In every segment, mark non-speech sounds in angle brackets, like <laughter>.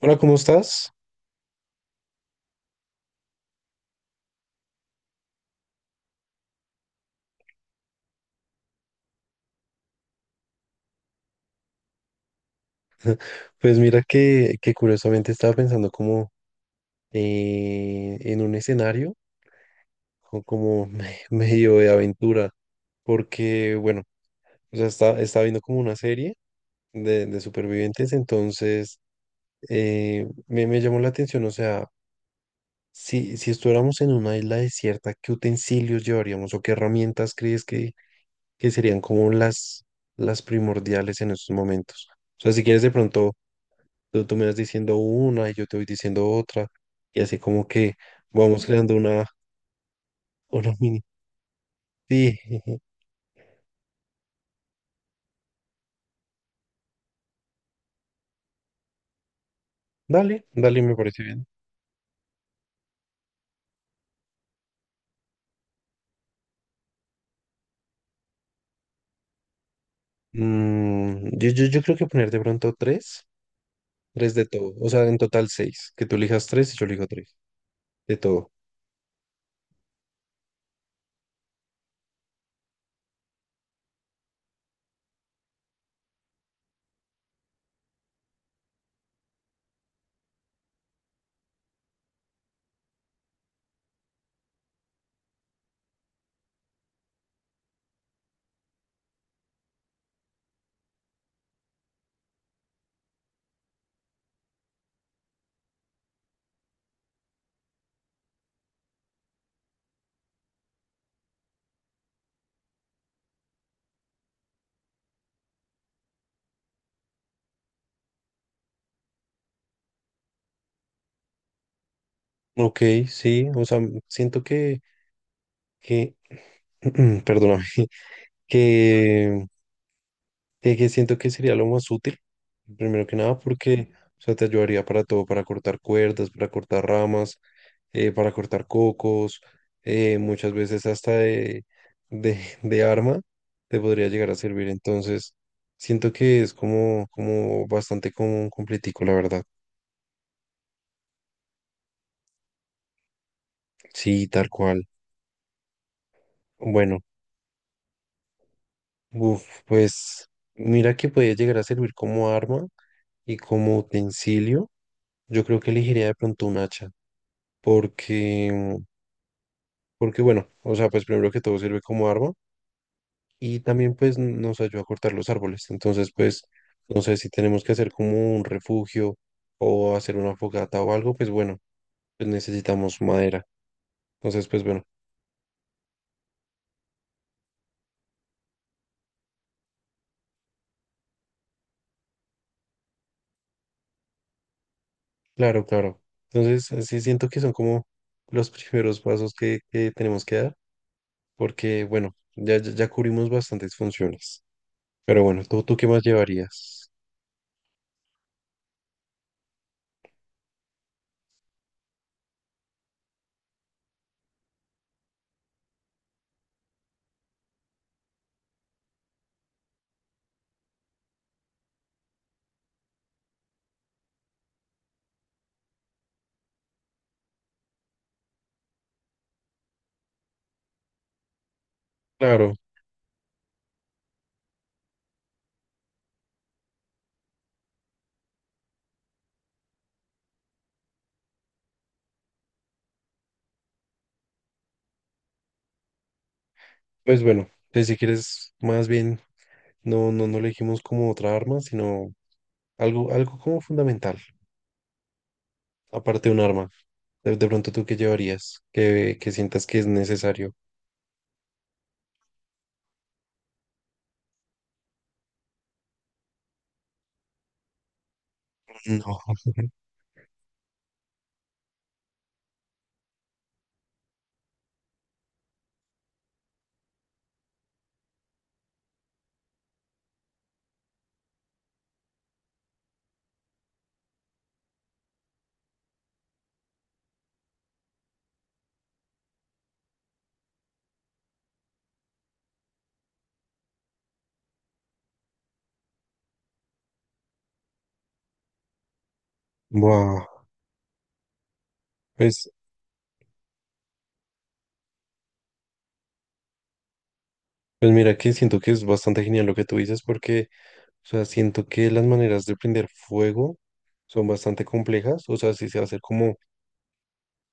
Hola, ¿cómo estás? Pues mira que curiosamente estaba pensando como en un escenario <laughs> medio de aventura, porque bueno, o sea, estaba viendo como una serie de supervivientes. Entonces me llamó la atención. O sea, si estuviéramos en una isla desierta, ¿qué utensilios llevaríamos o qué herramientas crees que serían como las primordiales en estos momentos? O sea, si quieres de pronto, tú me vas diciendo una y yo te voy diciendo otra. Y así como que vamos creando una mini. Sí, <laughs> dale, dale, me parece bien. Mm, yo creo que poner de pronto tres, de todo. O sea, en total seis. Que tú elijas tres y yo elijo tres. De todo. Ok, sí. O sea, siento que <clears throat> perdóname, <laughs> que, que siento que sería lo más útil. Primero que nada, porque, o sea, te ayudaría para todo, para cortar cuerdas, para cortar ramas, para cortar cocos, muchas veces hasta <laughs> de arma te podría llegar a servir. Entonces, siento que es como bastante común completico, la verdad. Sí, tal cual. Bueno, uf, pues mira que puede llegar a servir como arma y como utensilio. Yo creo que elegiría de pronto un hacha, porque, porque bueno, o sea, pues primero que todo sirve como arma y también pues nos ayuda a cortar los árboles. Entonces pues no sé si tenemos que hacer como un refugio o hacer una fogata o algo, pues bueno, pues necesitamos madera. Entonces pues bueno, claro, claro. Entonces sí siento que son como los <laughs> primeros pasos que tenemos que dar porque bueno, ya cubrimos bastantes funciones. Pero bueno, ¿tú qué más llevarías? Claro, pues bueno, pues si quieres, más bien, no elegimos como otra arma, sino algo como fundamental. Aparte de un arma, de pronto tú qué llevarías, que sientas que es necesario. No. <laughs> Buah, Pues, pues mira que siento que es bastante genial lo que tú dices porque, o sea, siento que las maneras de prender fuego son bastante complejas. O sea, si se va a hacer como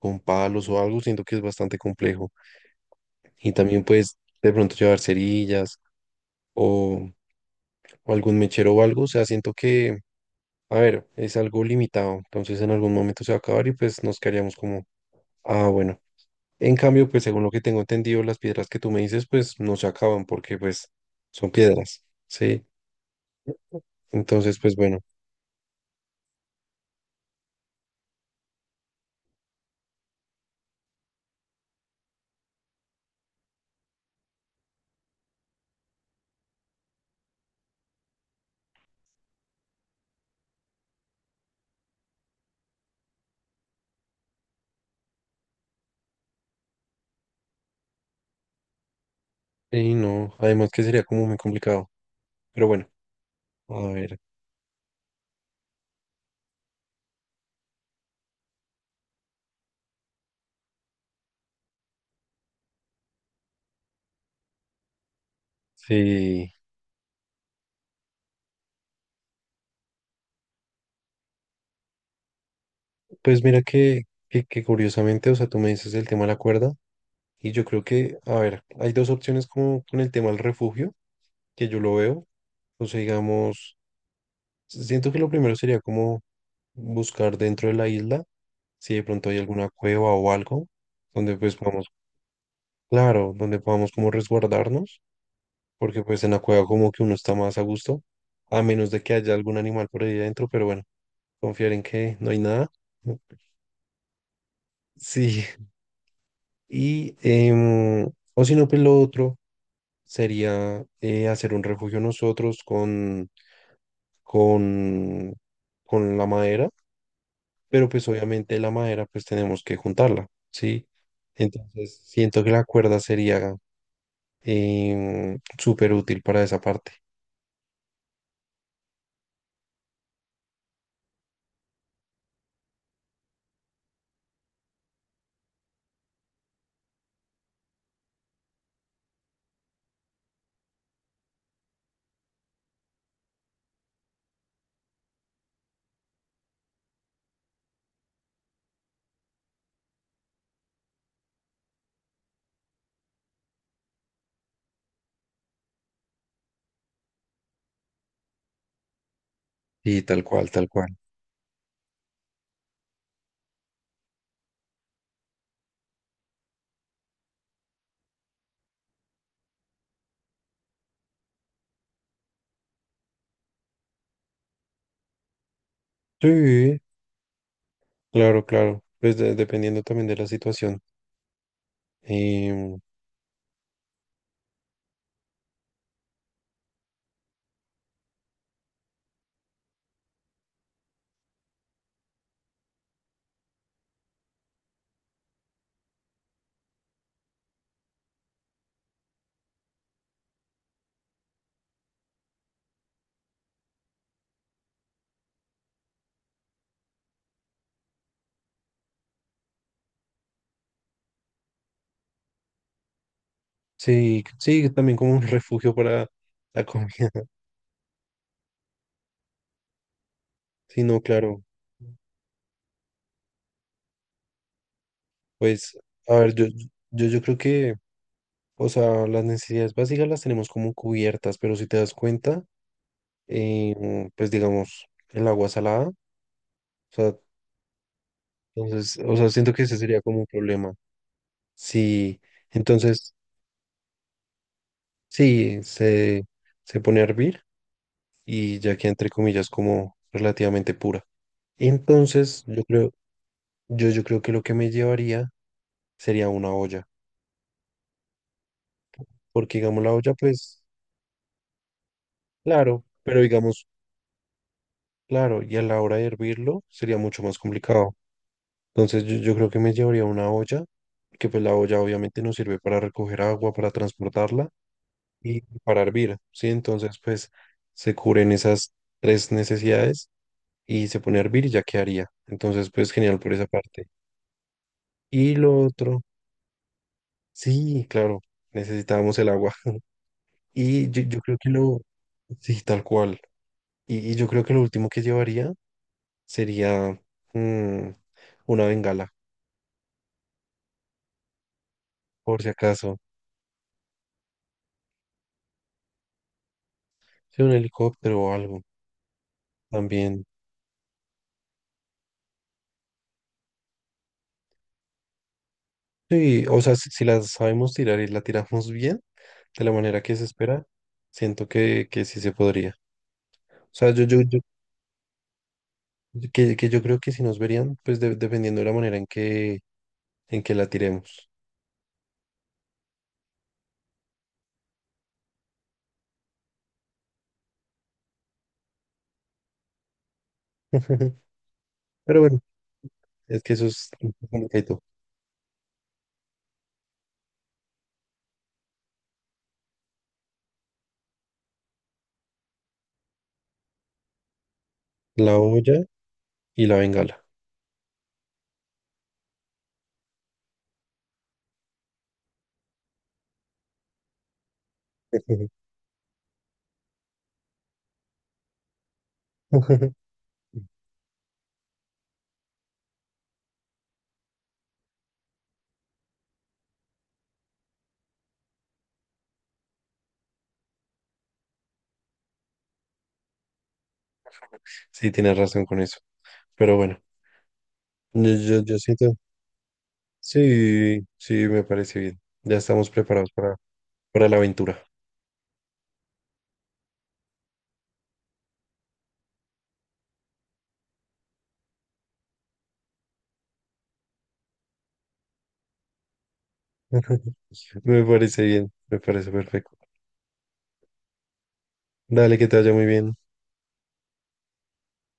con palos o algo, siento que es bastante complejo. Y también puedes de pronto llevar cerillas o, o algún mechero o algo. O sea, siento que, a ver, es algo limitado. Entonces en algún momento se va a acabar y pues nos quedaríamos como, ah, bueno. En cambio, pues según lo que tengo entendido, las piedras que tú me dices, pues no se acaban porque pues son piedras, ¿sí? Entonces, pues bueno, y no, además que sería como muy complicado. Pero bueno, a ver, sí, pues mira que curiosamente, o sea, tú me dices el tema de la cuerda y yo creo que, a ver, hay dos opciones como con el tema del refugio, que yo lo veo, o sea, digamos, siento que lo primero sería como buscar dentro de la isla, si de pronto hay alguna cueva o algo, donde pues vamos. Claro, donde podamos como resguardarnos, porque pues en la cueva como que uno está más a gusto, a menos de que haya algún animal por ahí adentro, pero bueno, confiar en que no hay nada. Sí, y o si no, pues lo otro sería hacer un refugio nosotros con, con la madera, pero pues obviamente la madera pues tenemos que juntarla, ¿sí? Entonces siento que la cuerda sería súper útil para esa parte. Y tal cual, tal cual. Sí, claro, claro. Pues dependiendo también de la situación. Em, sí, sí, también como un refugio para la comida. <laughs> Sí, no, claro. Pues, a ver, yo creo que, o sea, las necesidades básicas las tenemos como cubiertas. Pero si te das cuenta, pues digamos, el agua salada, o sea, entonces, o sea, siento que ese sería como un problema. Sí, entonces, sí, se pone a hervir y ya que entre comillas como relativamente pura. Entonces, yo creo que lo que me llevaría sería una olla, porque digamos la olla, pues, claro, pero digamos, claro, y a la hora de hervirlo sería mucho más complicado. Entonces, yo creo que me llevaría una olla, porque pues la olla obviamente nos sirve para recoger agua, para transportarla y para hervir, ¿sí? Entonces, pues, se cubren esas tres necesidades y se pone a hervir y ya quedaría. Entonces, pues, genial por esa parte. Y lo otro, sí, claro, necesitábamos el agua. Y yo creo sí, tal cual. Y yo creo que lo último que llevaría sería mm, una bengala, por si acaso. Sí, un helicóptero o algo también. Sí, o sea, si la sabemos tirar y la tiramos bien, de la manera que se espera, siento que sí se podría. O sea, que yo creo que si nos verían, pues dependiendo de la manera en que la tiremos. <laughs> Pero bueno, es que eso es complicadito. La olla y la bengala. <laughs> Sí, tienes razón con eso. Pero bueno, yo siento, sí, sí, me parece bien. Ya estamos preparados para la aventura. <laughs> Me parece bien, me parece perfecto. Dale, que te vaya muy bien.